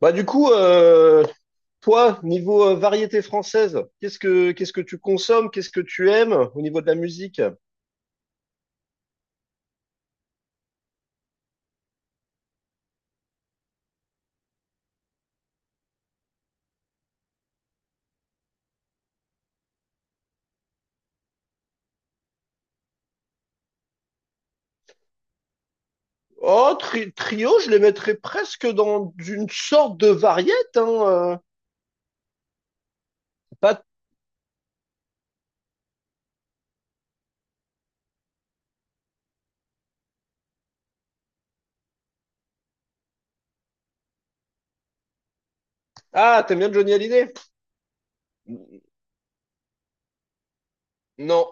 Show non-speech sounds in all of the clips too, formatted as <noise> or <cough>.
Bah du coup, euh, Toi, niveau variété française, qu'est-ce que tu consommes, qu'est-ce que tu aimes au niveau de la musique? Oh, trio, je les mettrais presque dans une sorte de variété, hein. Pas... Ah, t'aimes bien Johnny Hallyday? Non.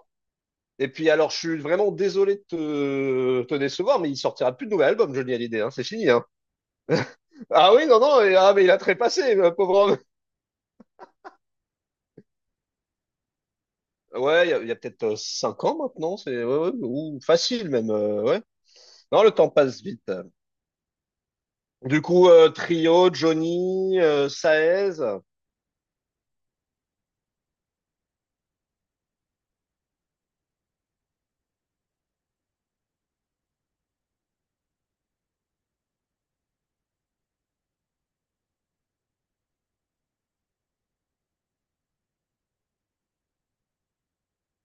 Et puis alors, je suis vraiment désolé de te décevoir, mais il sortira plus de nouvel album, Johnny Hallyday, hein, c'est fini, hein. Ah oui, non, non, mais il a trépassé, le pauvre homme. Ouais, il y a peut-être 5 ans maintenant, c'est ouais, ouais, ou facile même, ouais. Non, le temps passe vite. Du coup, Trio, Johnny, Saez,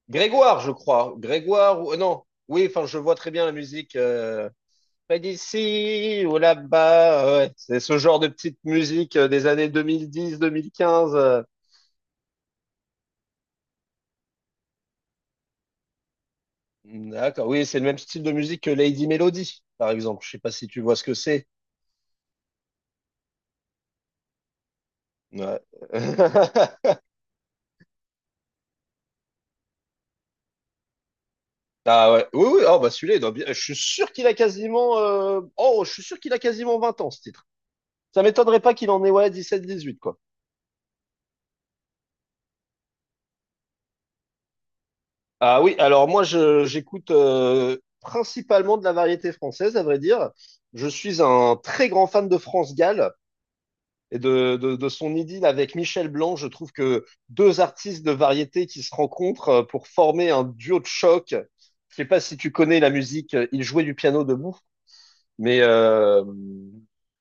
Grégoire, je crois. Grégoire, ou... non, oui, enfin, je vois très bien la musique, pas d'ici ou là-bas. Ouais. C'est ce genre de petite musique des années 2010-2015. D'accord, oui, c'est le même style de musique que Lady Melody, par exemple. Je sais pas si tu vois ce que c'est. Ouais. <laughs> Ah ouais, oui, oui, oh, bah celui-là, il doit bien- je suis sûr qu'il a je suis sûr qu'il a quasiment 20 ans, ce titre. Ça m'étonnerait pas qu'il en ait, ouais, 17-18, quoi. Ah oui, alors j'écoute principalement de la variété française, à vrai dire. Je suis un très grand fan de France Gall et de son idylle avec Michel Blanc. Je trouve que deux artistes de variété qui se rencontrent pour former un duo de choc. Je sais pas si tu connais la musique, il jouait du piano debout, mais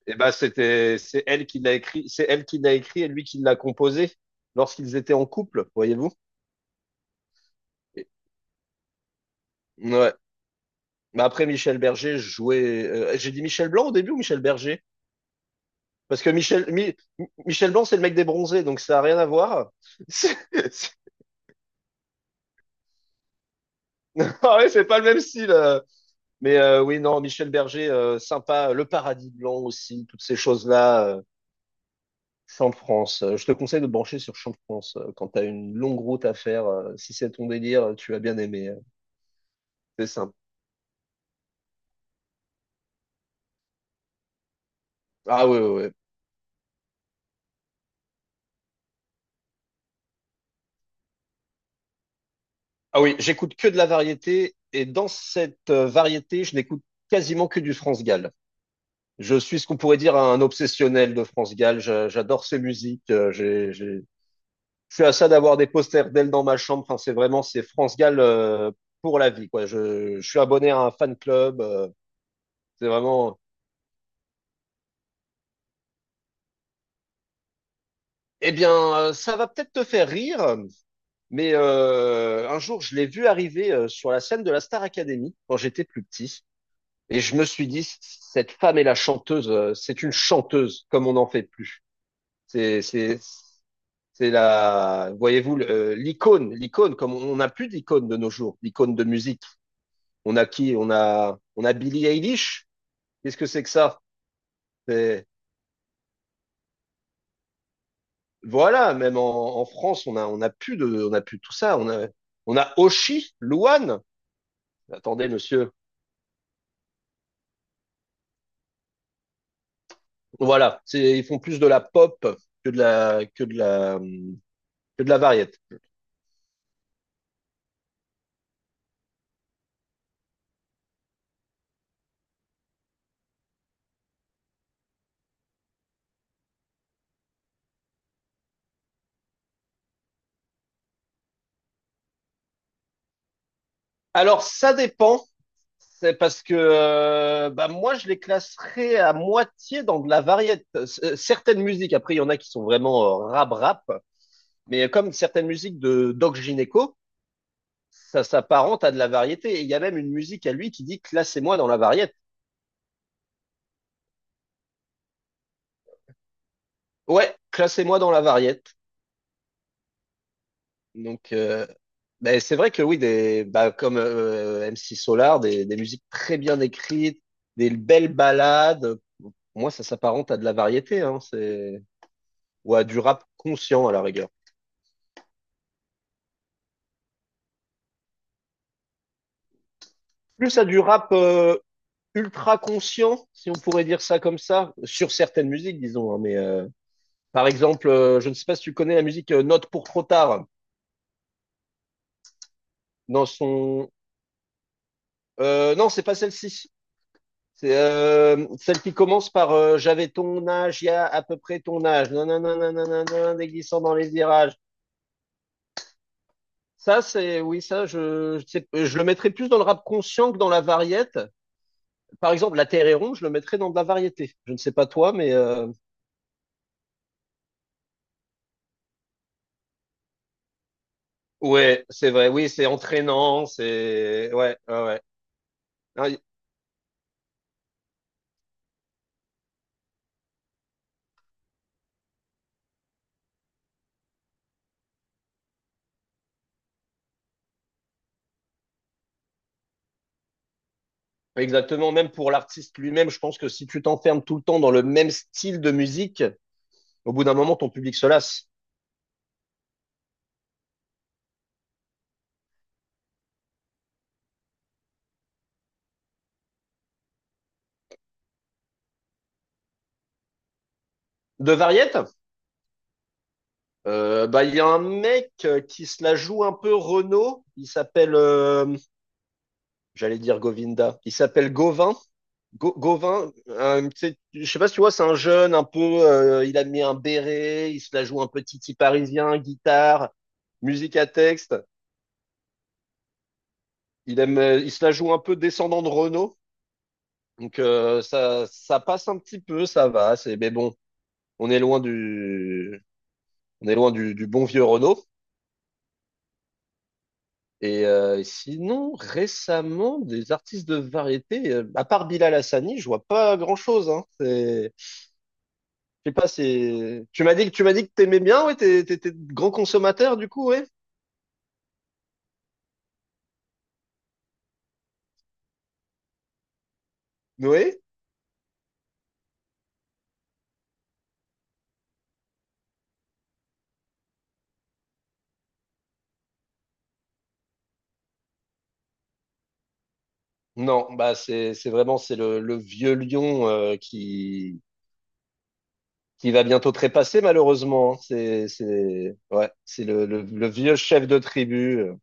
eh ben c'est elle qui l'a écrit, c'est elle qui l'a écrit et lui qui l'a composé lorsqu'ils étaient en couple, voyez-vous. Et- Ouais. Mais après, Michel Berger jouait. J'ai dit Michel Blanc au début ou Michel Berger? Parce que Michel Blanc, c'est le mec des bronzés, donc ça n'a rien à voir. <laughs> C'est, c'est- Ah ouais, c'est pas le même style. Mais oui, non, Michel Berger, sympa. Le paradis blanc aussi, toutes ces choses-là. Champ de France. Je te conseille de te brancher sur Champ de France quand tu as une longue route à faire. Si c'est ton délire, tu vas bien aimer. C'est simple. Ah oui, oui, oui. Ah oui, j'écoute que de la variété. Et dans cette variété, je n'écoute quasiment que du France Gall. Je suis ce qu'on pourrait dire un obsessionnel de France Gall. J'adore ses musiques. Je suis à ça d'avoir des posters d'elle dans ma chambre. Enfin, c'est vraiment c'est France Gall pour la vie, quoi. Je suis abonné à un fan club. C'est vraiment. Eh bien, ça va peut-être te faire rire, mais un jour, je l'ai vu arriver sur la scène de la Star Academy quand j'étais plus petit, et je me suis dit, cette femme est la chanteuse. C'est une chanteuse, comme on n'en fait plus. C'est, c'est, C'est la, voyez-vous, l'icône, comme on n'a plus d'icône de nos jours, l'icône de musique. On a qui? On a Billie Eilish. Qu'est-ce que c'est que ça? C'est- Voilà, même en France, on a plus de, on a plus de tout ça. On a Oshi, Louane. Attendez, monsieur. Voilà, c'est, ils font plus de la pop que de la variété. Alors, ça dépend. C'est parce que bah moi, je les classerais à moitié dans de la variété. Certaines musiques, après, il y en a qui sont vraiment rap-rap, mais comme certaines musiques de Doc Gineco, ça s'apparente à de la variété. Et il y a même une musique à lui qui dit classez-moi dans la variété. Ouais, classez-moi dans la variété. Donc, c'est vrai que oui, des, bah, comme MC Solar, des musiques très bien écrites, des belles ballades. Pour moi, ça s'apparente à de la variété. Hein, c'est... ou à du rap conscient à la rigueur. Plus à du rap ultra conscient, si on pourrait dire ça comme ça, sur certaines musiques, disons, hein, mais par exemple, je ne sais pas si tu connais la musique Note pour trop tard. Dans son, non, c'est pas celle-ci. C'est celle qui commence par j'avais ton âge, il y a à peu près ton âge. Non, non, non, non, non, non, non, déglissant dans les virages. Ça, c'est oui, je le mettrais plus dans le rap conscient que dans la variété. Par exemple, La Terre est ronde, je le mettrais dans de la variété. Je ne sais pas toi, mais ouais, c'est vrai. Oui, c'est entraînant, c'est ouais, ouais, ouais. Ah, y- Exactement. Même pour l'artiste lui-même, je pense que si tu t'enfermes tout le temps dans le même style de musique, au bout d'un moment, ton public se lasse. De variette, bah il y a un mec qui se la joue un peu Renaud. Il s'appelle, j'allais dire Govinda. Il s'appelle Gauvin. Gauvin, je sais pas si tu vois, c'est un jeune un peu. Il a mis un béret, il se la joue un peu titi parisien, guitare, musique à texte. Il aime, il se la joue un peu descendant de Renault. Donc ça, ça passe un petit peu, ça va. C'est, mais bon, on est loin on est loin du bon vieux Renault. Et sinon, récemment, des artistes de variété, à part Bilal Hassani, je vois pas grand-chose. Hein. C'est, je sais pas, c'est. Tu m'as dit que t'aimais bien, ouais, t'es grand consommateur du coup, ouais. Oui. Non, bah c'est vraiment c'est le vieux lion qui va bientôt trépasser malheureusement, hein. C'est ouais, c'est le vieux chef de tribu.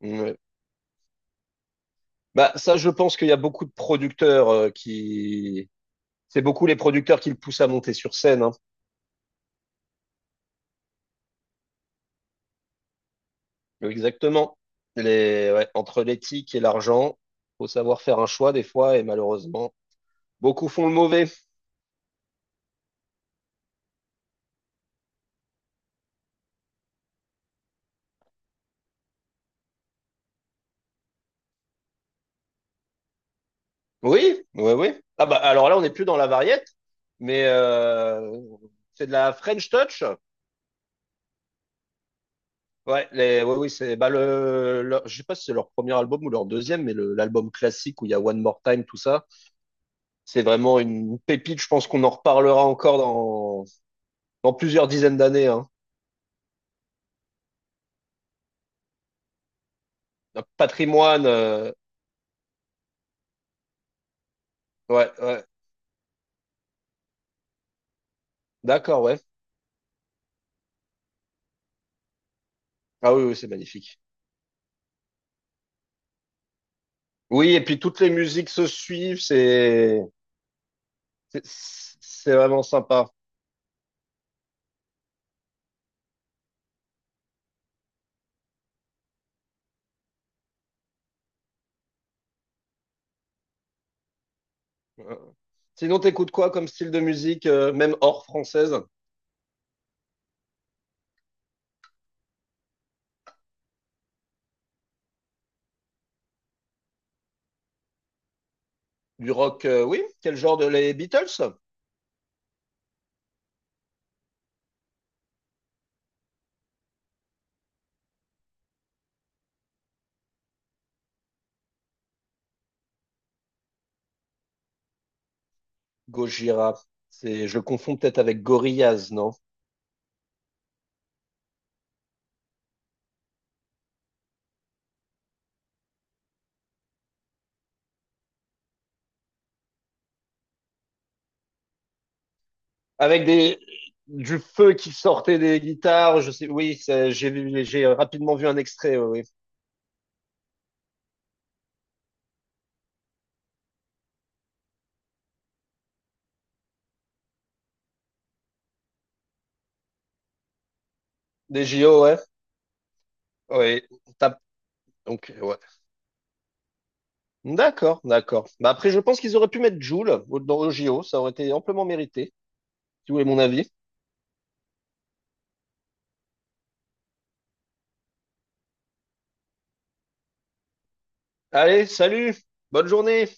Ouais. Bah ça, je pense qu'il y a beaucoup de producteurs qui, c'est beaucoup les producteurs qui le poussent à monter sur scène, hein. Exactement. Les ouais, entre l'éthique et l'argent, faut savoir faire un choix des fois et malheureusement beaucoup font le mauvais. Oui, oui, oui. Ah bah alors là, on n'est plus dans la variette, mais c'est de la French touch. Ouais, les, ouais, oui, c'est, bah je sais pas si c'est leur premier album ou leur deuxième, mais l'album classique où il y a One More Time, tout ça, c'est vraiment une pépite. Je pense qu'on en reparlera encore dans plusieurs dizaines d'années, hein. Un patrimoine, ouais, ouais, d'accord, ouais. Ah oui, oui, c'est magnifique. Oui, et puis toutes les musiques se suivent, c'est c'est vraiment sympa. Euh, Sinon, t'écoutes quoi comme style de musique, même hors française? Du rock, oui? Quel genre de les Beatles? Gojira. C'est, je le confonds peut-être avec Gorillaz, non? Avec des, du feu qui sortait des guitares, je sais, oui, j'ai rapidement vu un extrait, oui. Oui. Des JO, ouais. Oui, T'as- donc, ouais. D'accord, d'accord. Bah après, je pense qu'ils auraient pu mettre Joule dans le JO, ça aurait été amplement mérité, si vous voulez mon avis. Allez, salut, bonne journée.